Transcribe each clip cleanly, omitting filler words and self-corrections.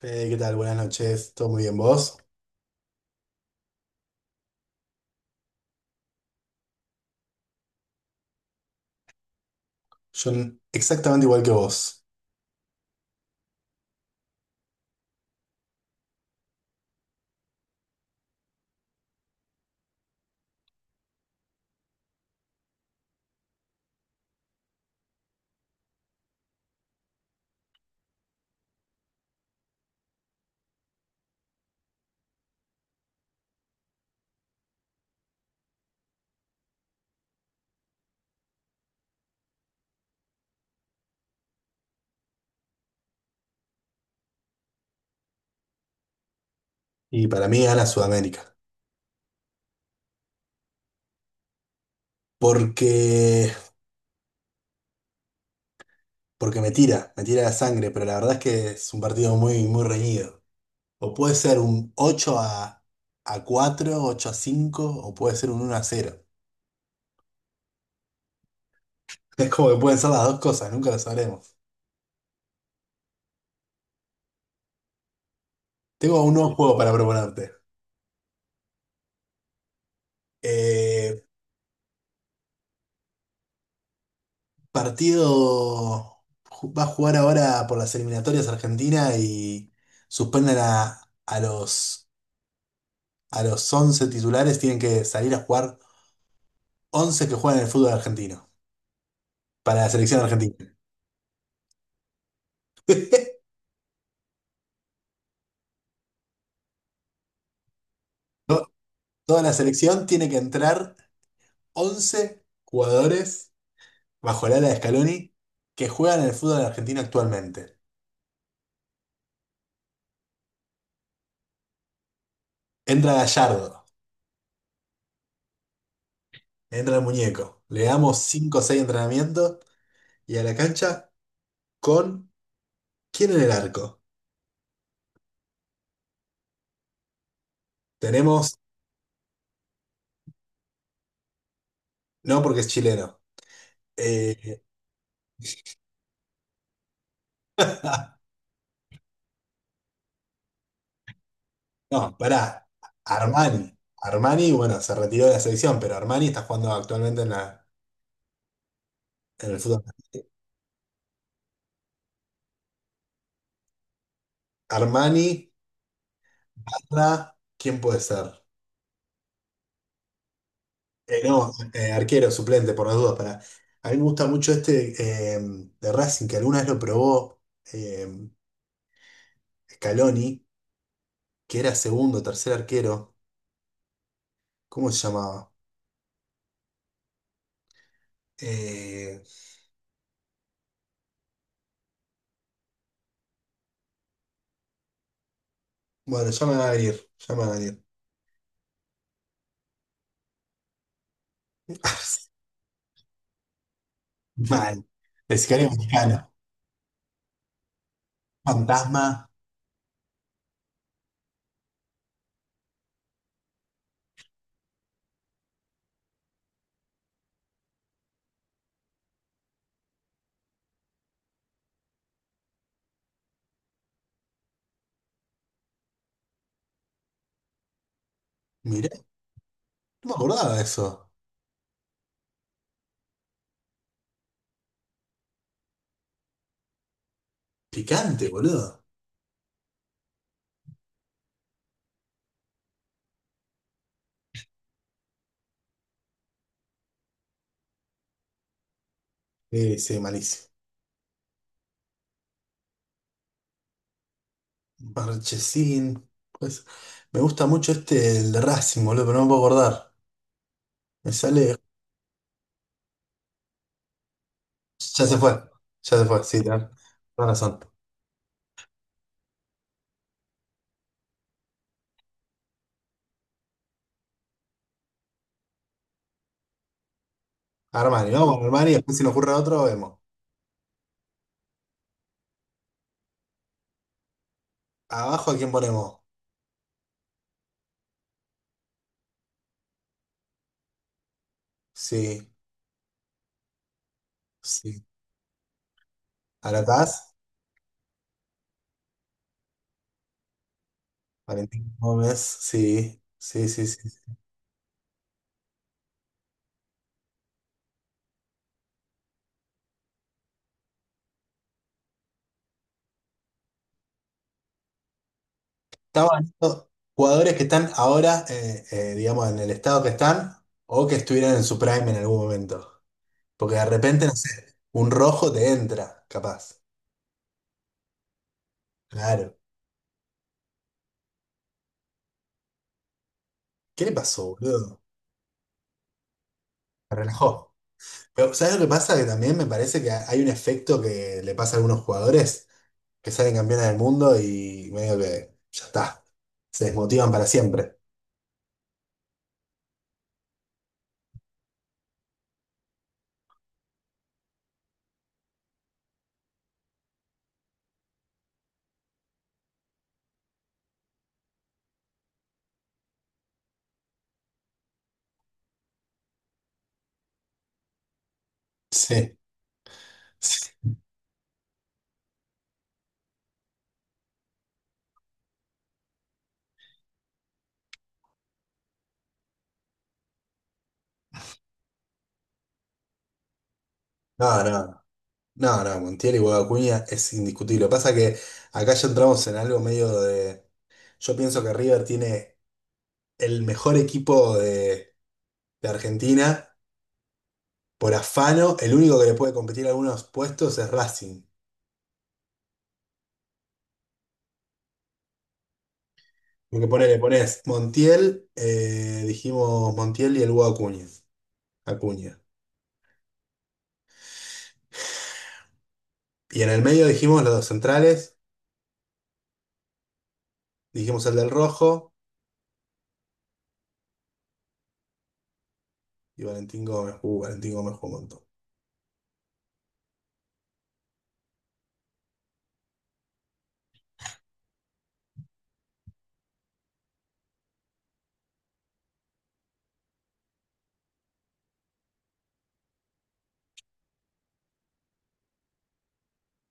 Fede, ¿qué tal? Buenas noches. ¿Todo muy bien vos? Yo exactamente igual que vos. Y para mí gana Sudamérica. Porque, porque me tira la sangre, pero la verdad es que es un partido muy, muy reñido. O puede ser un 8 a 4, 8-5, o puede ser un 1-0. Es como que pueden ser las dos cosas, nunca lo sabremos. Tengo un nuevo, Sí. juego para proponerte. Eh, Partido Va a jugar ahora por las eliminatorias Argentina y suspenden a los 11 titulares, tienen que salir a jugar 11 que juegan en el fútbol argentino para la selección argentina. To- Toda la selección tiene que entrar 11 jugadores bajo el ala de Scaloni que juegan en el fútbol argentino actualmente. Entra Gallardo, entra el muñeco, le damos 5 o 6 entrenamientos y a la cancha con... ¿Quién en el arco? Tenemos, no porque es chileno. Eh, no, pará. Armani. Armani, bueno, se retiró de la selección, pero Armani está jugando actualmente en la, en el fútbol. Armani, Parra, ¿quién puede ser? No, arquero, suplente, por las dudas. Para... A mí me gusta mucho este, de Racing, que alguna vez lo probó, eh, Scaloni, que era segundo, tercer arquero. ¿Cómo se llamaba? Eh, bueno, ya me va a venir, ya me va a venir. Mal. De sicario mexicano. Fantasma. Mirá, no me acordaba de eso. Picante, boludo. Sí, sí, malísimo. Marchesín. Pues, me gusta mucho este, el de Racing, boludo, pero no me puedo acordar. Me sale. Ya se fue. Ya se fue, sí, tenés razón. Armani, vamos con Armani, después si nos ocurre otro, vemos. Abajo, ¿a quién ponemos? Sí, sí. ¿Alatás? Valentín Gómez, sí, sí, sí, sí. Estaban estos jugadores que están ahora, digamos, en el estado que están, o que estuvieran en su prime en algún momento. Porque de repente, no sé, un rojo te entra, capaz. Claro. ¿Qué le pasó, boludo? Se relajó. Pero, ¿sabes lo que pasa? Que también me parece que hay un efecto que le pasa a algunos jugadores que salen campeones del mundo y medio que ya está. Se desmotivan para siempre. Sí. Sí. No, no. No, no, Montiel y Guado Acuña es indiscutible. Pasa que acá ya entramos en algo medio de. Yo pienso que River tiene el mejor equipo de Argentina por afano. El único que le puede competir a algunos puestos es Racing. Porque pone, le pones Montiel, dijimos Montiel y el Guado Acuña. Acuña. Y en el medio dijimos los dos centrales, dijimos el del Rojo y Valentín Gómez. Valentín Gómez jugó un montón.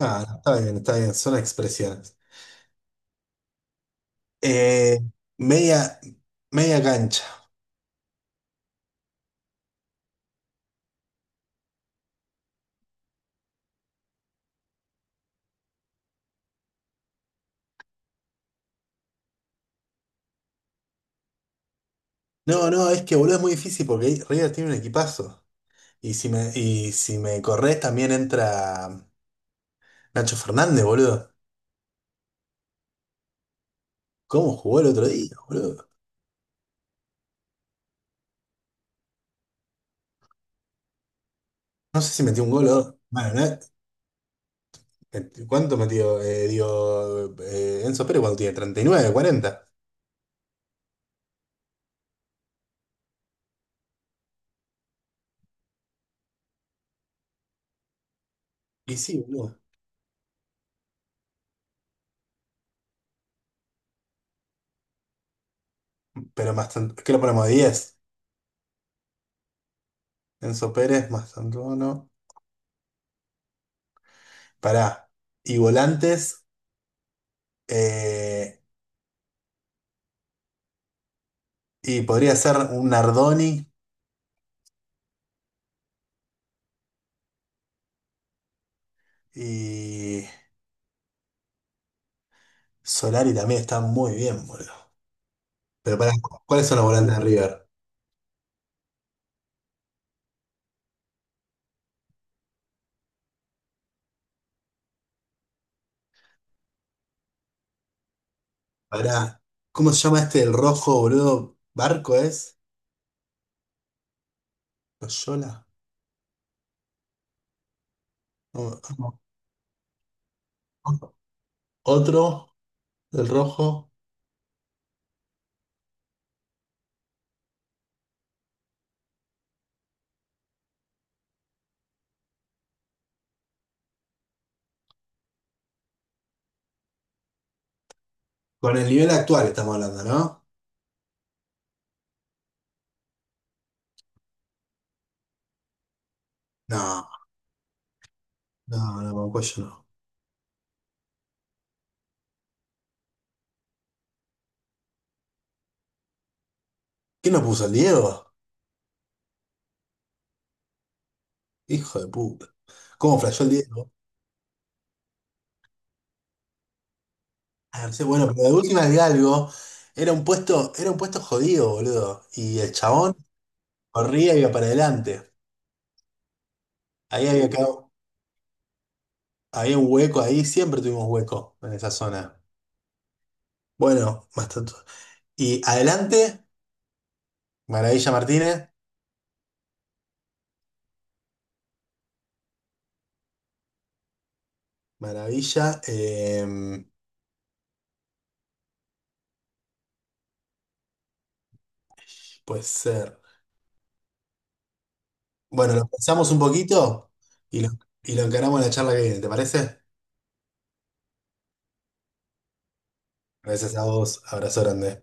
Ah, no, está bien, son expresiones. Eh, media, media cancha. No, no, es que boludo es muy difícil porque River tiene un equipazo. Y si me corres también entra Nacho Fernández, boludo. ¿Cómo jugó el otro día, boludo? No sé si metió un gol o dos. Bueno, ¿cuánto metió? Enzo Pérez cuando tiene 39, 40. Y sí, boludo. Pero ¿qué lo ponemos? 10. Enzo Pérez, más Tantuono. Pará. Y volantes. eh, y podría ser un Nardoni. Y Solari también está muy bien, boludo. Pero pará, ¿cuáles son los volantes de River? Pará, ¿cómo se llama este? ¿El rojo, boludo? ¿Barco es? ¿Loyola? No, no. No. Otro, el rojo. Con el nivel actual estamos hablando, ¿no? No, no, no, con cuello no. ¿Quién nos puso el Diego? Hijo de puta. ¿Cómo flasheó el Diego? Ah, no sé, bueno, pero de última el Galgo era un puesto jodido, boludo. Y el chabón corría y iba para adelante. Ahí había, ca- Había un hueco ahí, siempre tuvimos hueco en esa zona. Bueno, más tanto. Y adelante, Maravilla Martínez. Maravilla, puede ser. Bueno, lo pensamos un poquito y lo, y lo encaramos en la charla que viene, ¿te parece? Gracias a vos, abrazo grande.